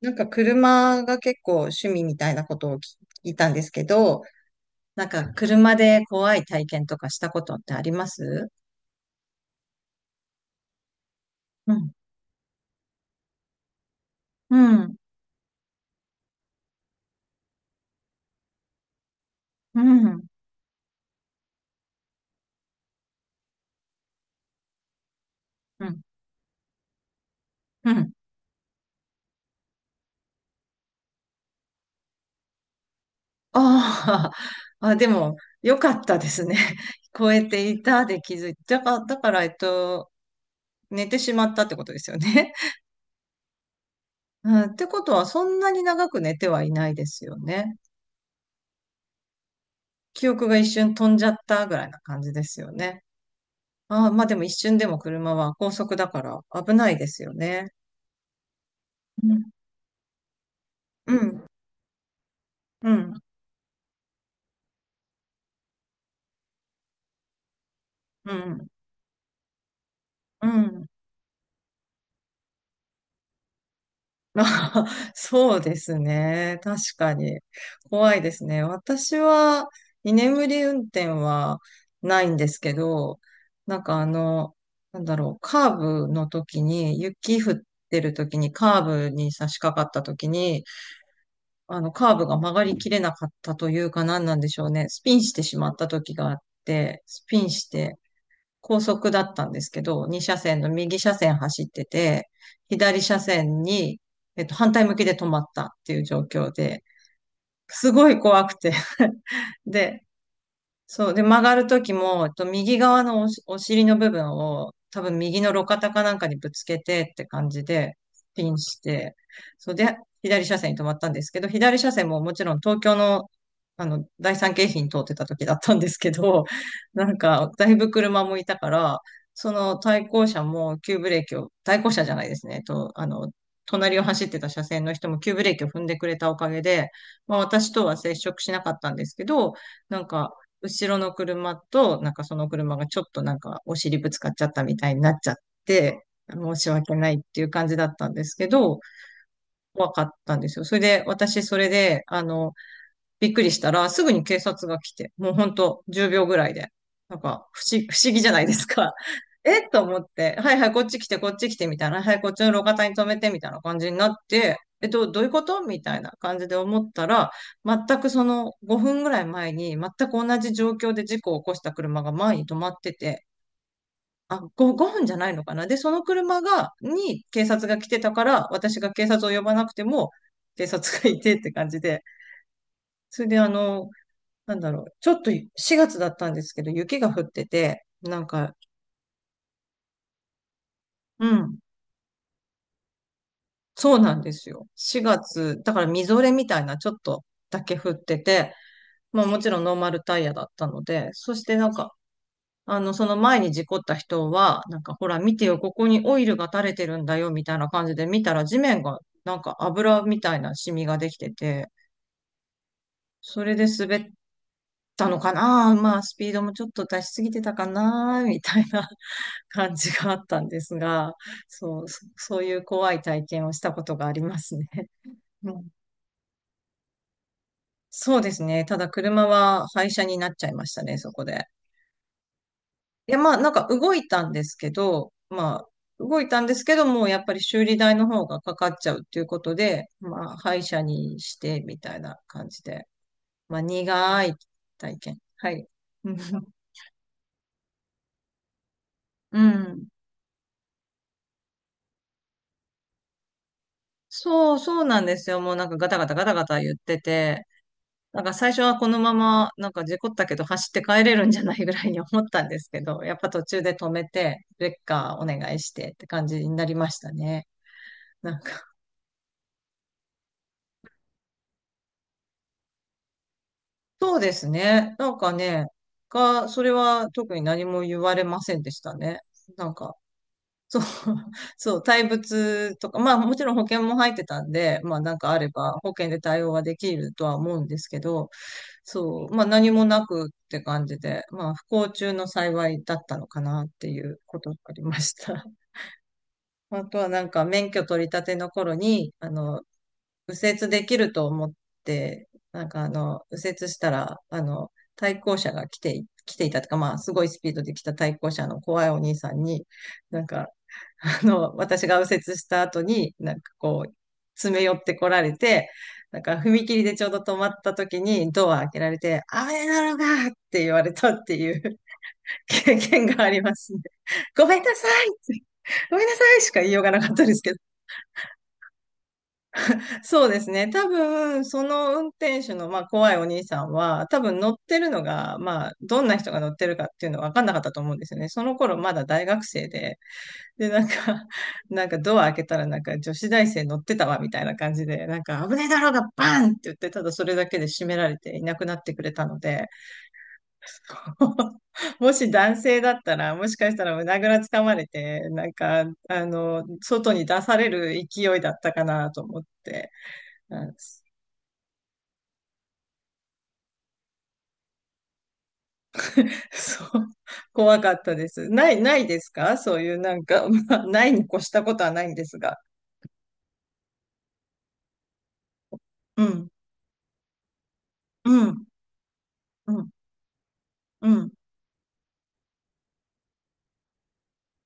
なんか車が結構趣味みたいなことを聞いたんですけど、なんか車で怖い体験とかしたことってあります？うん、うん、うん、うん、うん。ああ、よかったですね。超えていたで気づいて、だから寝てしまったってことですよね。うん、ってことは、そんなに長く寝てはいないですよね。記憶が一瞬飛んじゃったぐらいな感じですよね。ああ、まあでも一瞬でも車は高速だから危ないですよね。うん、うん、うん、うん。うん、あ、 そうですね。確かに。怖いですね。私は居眠り運転はないんですけど、なんかあの、カーブの時に、雪降ってる時に、カーブに差し掛かった時に、カーブが曲がりきれなかったというか何なんでしょうね。スピンしてしまった時があって、スピンして、高速だったんですけど、2車線の右車線走ってて、左車線に、反対向きで止まったっていう状況で、すごい怖くて。で、そう。で、曲がるときも、右側のお尻の部分を、多分右の路肩かなんかにぶつけてって感じで、ピンして、そうで、左車線に止まったんですけど、左車線ももちろん東京の、第三京浜通ってた時だったんですけど、なんか、だいぶ車もいたから、その対向車も急ブレーキを、対向車じゃないですね、隣を走ってた車線の人も急ブレーキを踏んでくれたおかげで、まあ私とは接触しなかったんですけど、なんか、後ろの車と、なんかその車がちょっとなんかお尻ぶつかっちゃったみたいになっちゃって、申し訳ないっていう感じだったんですけど、怖かったんですよ。それで、私それで、びっくりしたら、すぐに警察が来て、もうほんと10秒ぐらいで。なんか、不思議じゃないですか。えっと思って、はいはい、こっち来て、こっち来て、みたいな。はい、こっちの路肩に止めて、みたいな感じになって、え、どういうことみたいな感じで思ったら、全くその5分ぐらい前に、全く同じ状況で事故を起こした車が前に止まってて、あ、5分じゃないのかな。で、その車が、に警察が来てたから、私が警察を呼ばなくても、警察がいてって感じで、それでちょっと4月だったんですけど、雪が降ってて、なんか、うん、そうなんですよ。4月、だからみぞれみたいなちょっとだけ降ってて、まあもちろんノーマルタイヤだったので、そしてなんか、その前に事故った人は、なんかほら見てよ、ここにオイルが垂れてるんだよ、みたいな感じで見たら地面がなんか油みたいなシミができてて、それで滑ったのかな、まあスピードもちょっと出しすぎてたかなみたいな感じがあったんですが、そういう怖い体験をしたことがありますね。うん、そうですね。ただ車は廃車になっちゃいましたね、そこで。いや、まあなんか動いたんですけど、まあ動いたんですけども、うやっぱり修理代の方がかかっちゃうっていうことで、まあ廃車にしてみたいな感じで、まあ苦い体験。はい。うん。うん、そうなんですよ。もうなんかガタガタガタガタ言ってて、なんか最初はこのまま、なんか事故ったけど走って帰れるんじゃないぐらいに思ったんですけど、やっぱ途中で止めて、レッカーお願いしてって感じになりましたね。なんか、そうですね。なんかね、が、それは特に何も言われませんでしたね。なんか、そう、そう、対物とか、まあもちろん保険も入ってたんで、まあなんかあれば保険で対応はできるとは思うんですけど、そう、まあ何もなくって感じで、まあ不幸中の幸いだったのかなっていうことがありました。あとはなんか免許取り立ての頃に、右折できると思って、右折したら、対向車が来ていたとか、まあ、すごいスピードで来た対向車の怖いお兄さんに、なんか、私が右折した後に、なんかこう、詰め寄ってこられて、なんか踏切でちょうど止まった時にドア開けられて、危ないだろうがって言われたっていう 経験がありますね。ごめんなさいってごめんなさいしか言いようがなかったですけど。そうですね。多分、その運転手の、まあ、怖いお兄さんは、多分乗ってるのが、まあ、どんな人が乗ってるかっていうのは分かんなかったと思うんですよね。その頃まだ大学生で、で、なんか、なんかドア開けたら、なんか女子大生乗ってたわ、みたいな感じで、なんか危ねえだろうが、バーンって言って、ただそれだけで閉められていなくなってくれたので、もし男性だったら、もしかしたら胸ぐらつかまれて、なんか、外に出される勢いだったかなと思って、うん、そう。怖かったです。ないですかそういうなんか、まあ、ないに越したことはないんですが。うん、うん、うん、うん、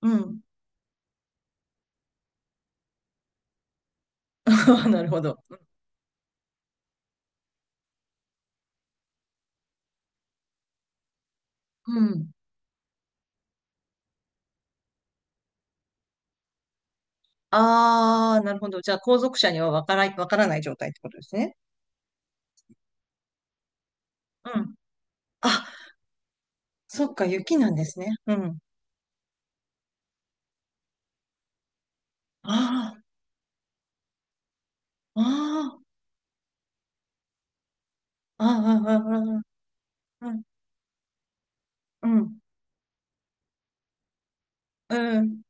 うん。なるほど。うん。ああ、なるほど。じゃあ、後続車にはわからない状態ってことですね。うん。あ、そっか、雪なんですね。うん。ああ、ああ、ああ、ああ、ああ、うん、うん、うん。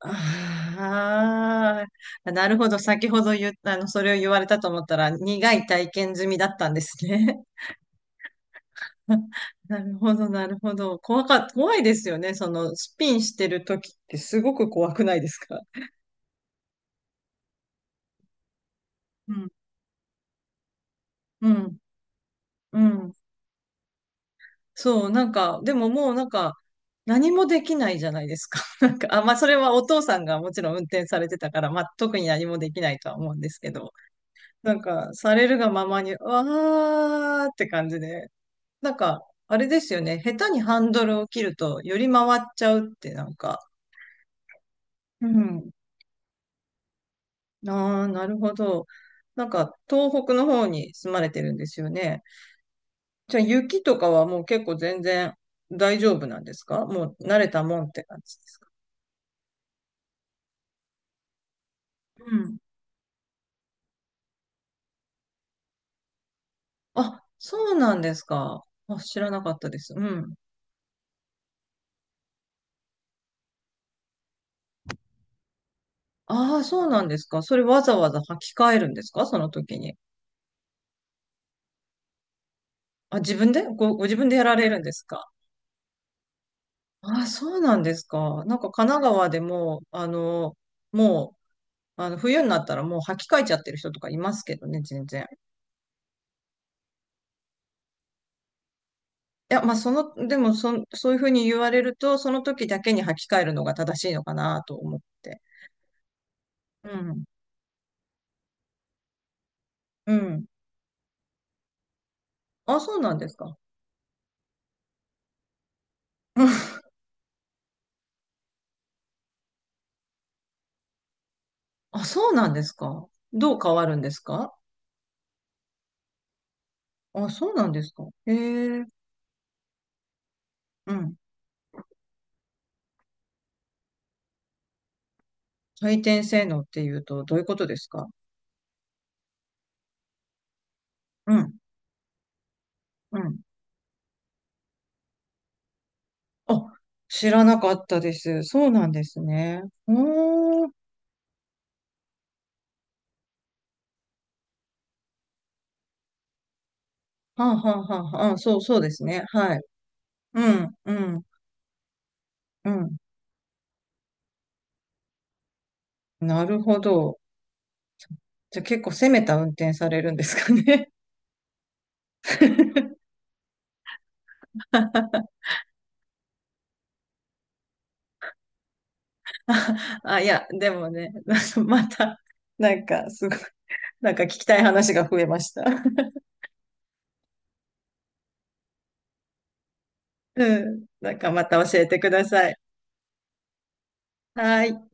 ああ、なるほど。先ほど言った、それを言われたと思ったら、苦い体験済みだったんですね。なるほど、なるほど。怖いですよね。その、スピンしてる時ってすごく怖くないですか？うん、うん、うん。そう、なんか、でももうなんか、何もできないじゃないですか。なんか、あ、まあ、それはお父さんがもちろん運転されてたから、まあ、特に何もできないとは思うんですけど、なんか、されるがままに、わーって感じで、なんか、あれですよね。下手にハンドルを切ると、より回っちゃうって、なんか。うん。ああ、なるほど。なんか、東北の方に住まれてるんですよね。じゃあ、雪とかはもう結構全然大丈夫なんですか？もう慣れたもんって感じですか？うん。あ、そうなんですか。あ、知らなかったです。うん。ああ、そうなんですか。それわざわざ履き替えるんですかその時に。あ、自分でご自分でやられるんですか？あ、そうなんですか。なんか神奈川でも、あの、もう、あの、冬になったらもう履き替えちゃってる人とかいますけどね、全然。いや、まあ、その、でもそん、そういうふうに言われると、その時だけに履き替えるのが正しいのかなと思って。うん。うん。あ、そうなんですか。うん、あ、そうなんですか。どう変わるんですか？あ、そうなんですか。へえ。うん。回転性能っていうと、どういうことですか？うん。うん。あ、知らなかったです。そうなんですね。おー、はあ、はあ、はあ、はあ、そう、そうですね。はい。うん、うん、うん。なるほど。じゃあ結構攻めた運転されるんですかね。あ、いや、でもね、なんかまた、なんか、すごい、なんか聞きたい話が増えました。うん。なんかまた教えてください。はい。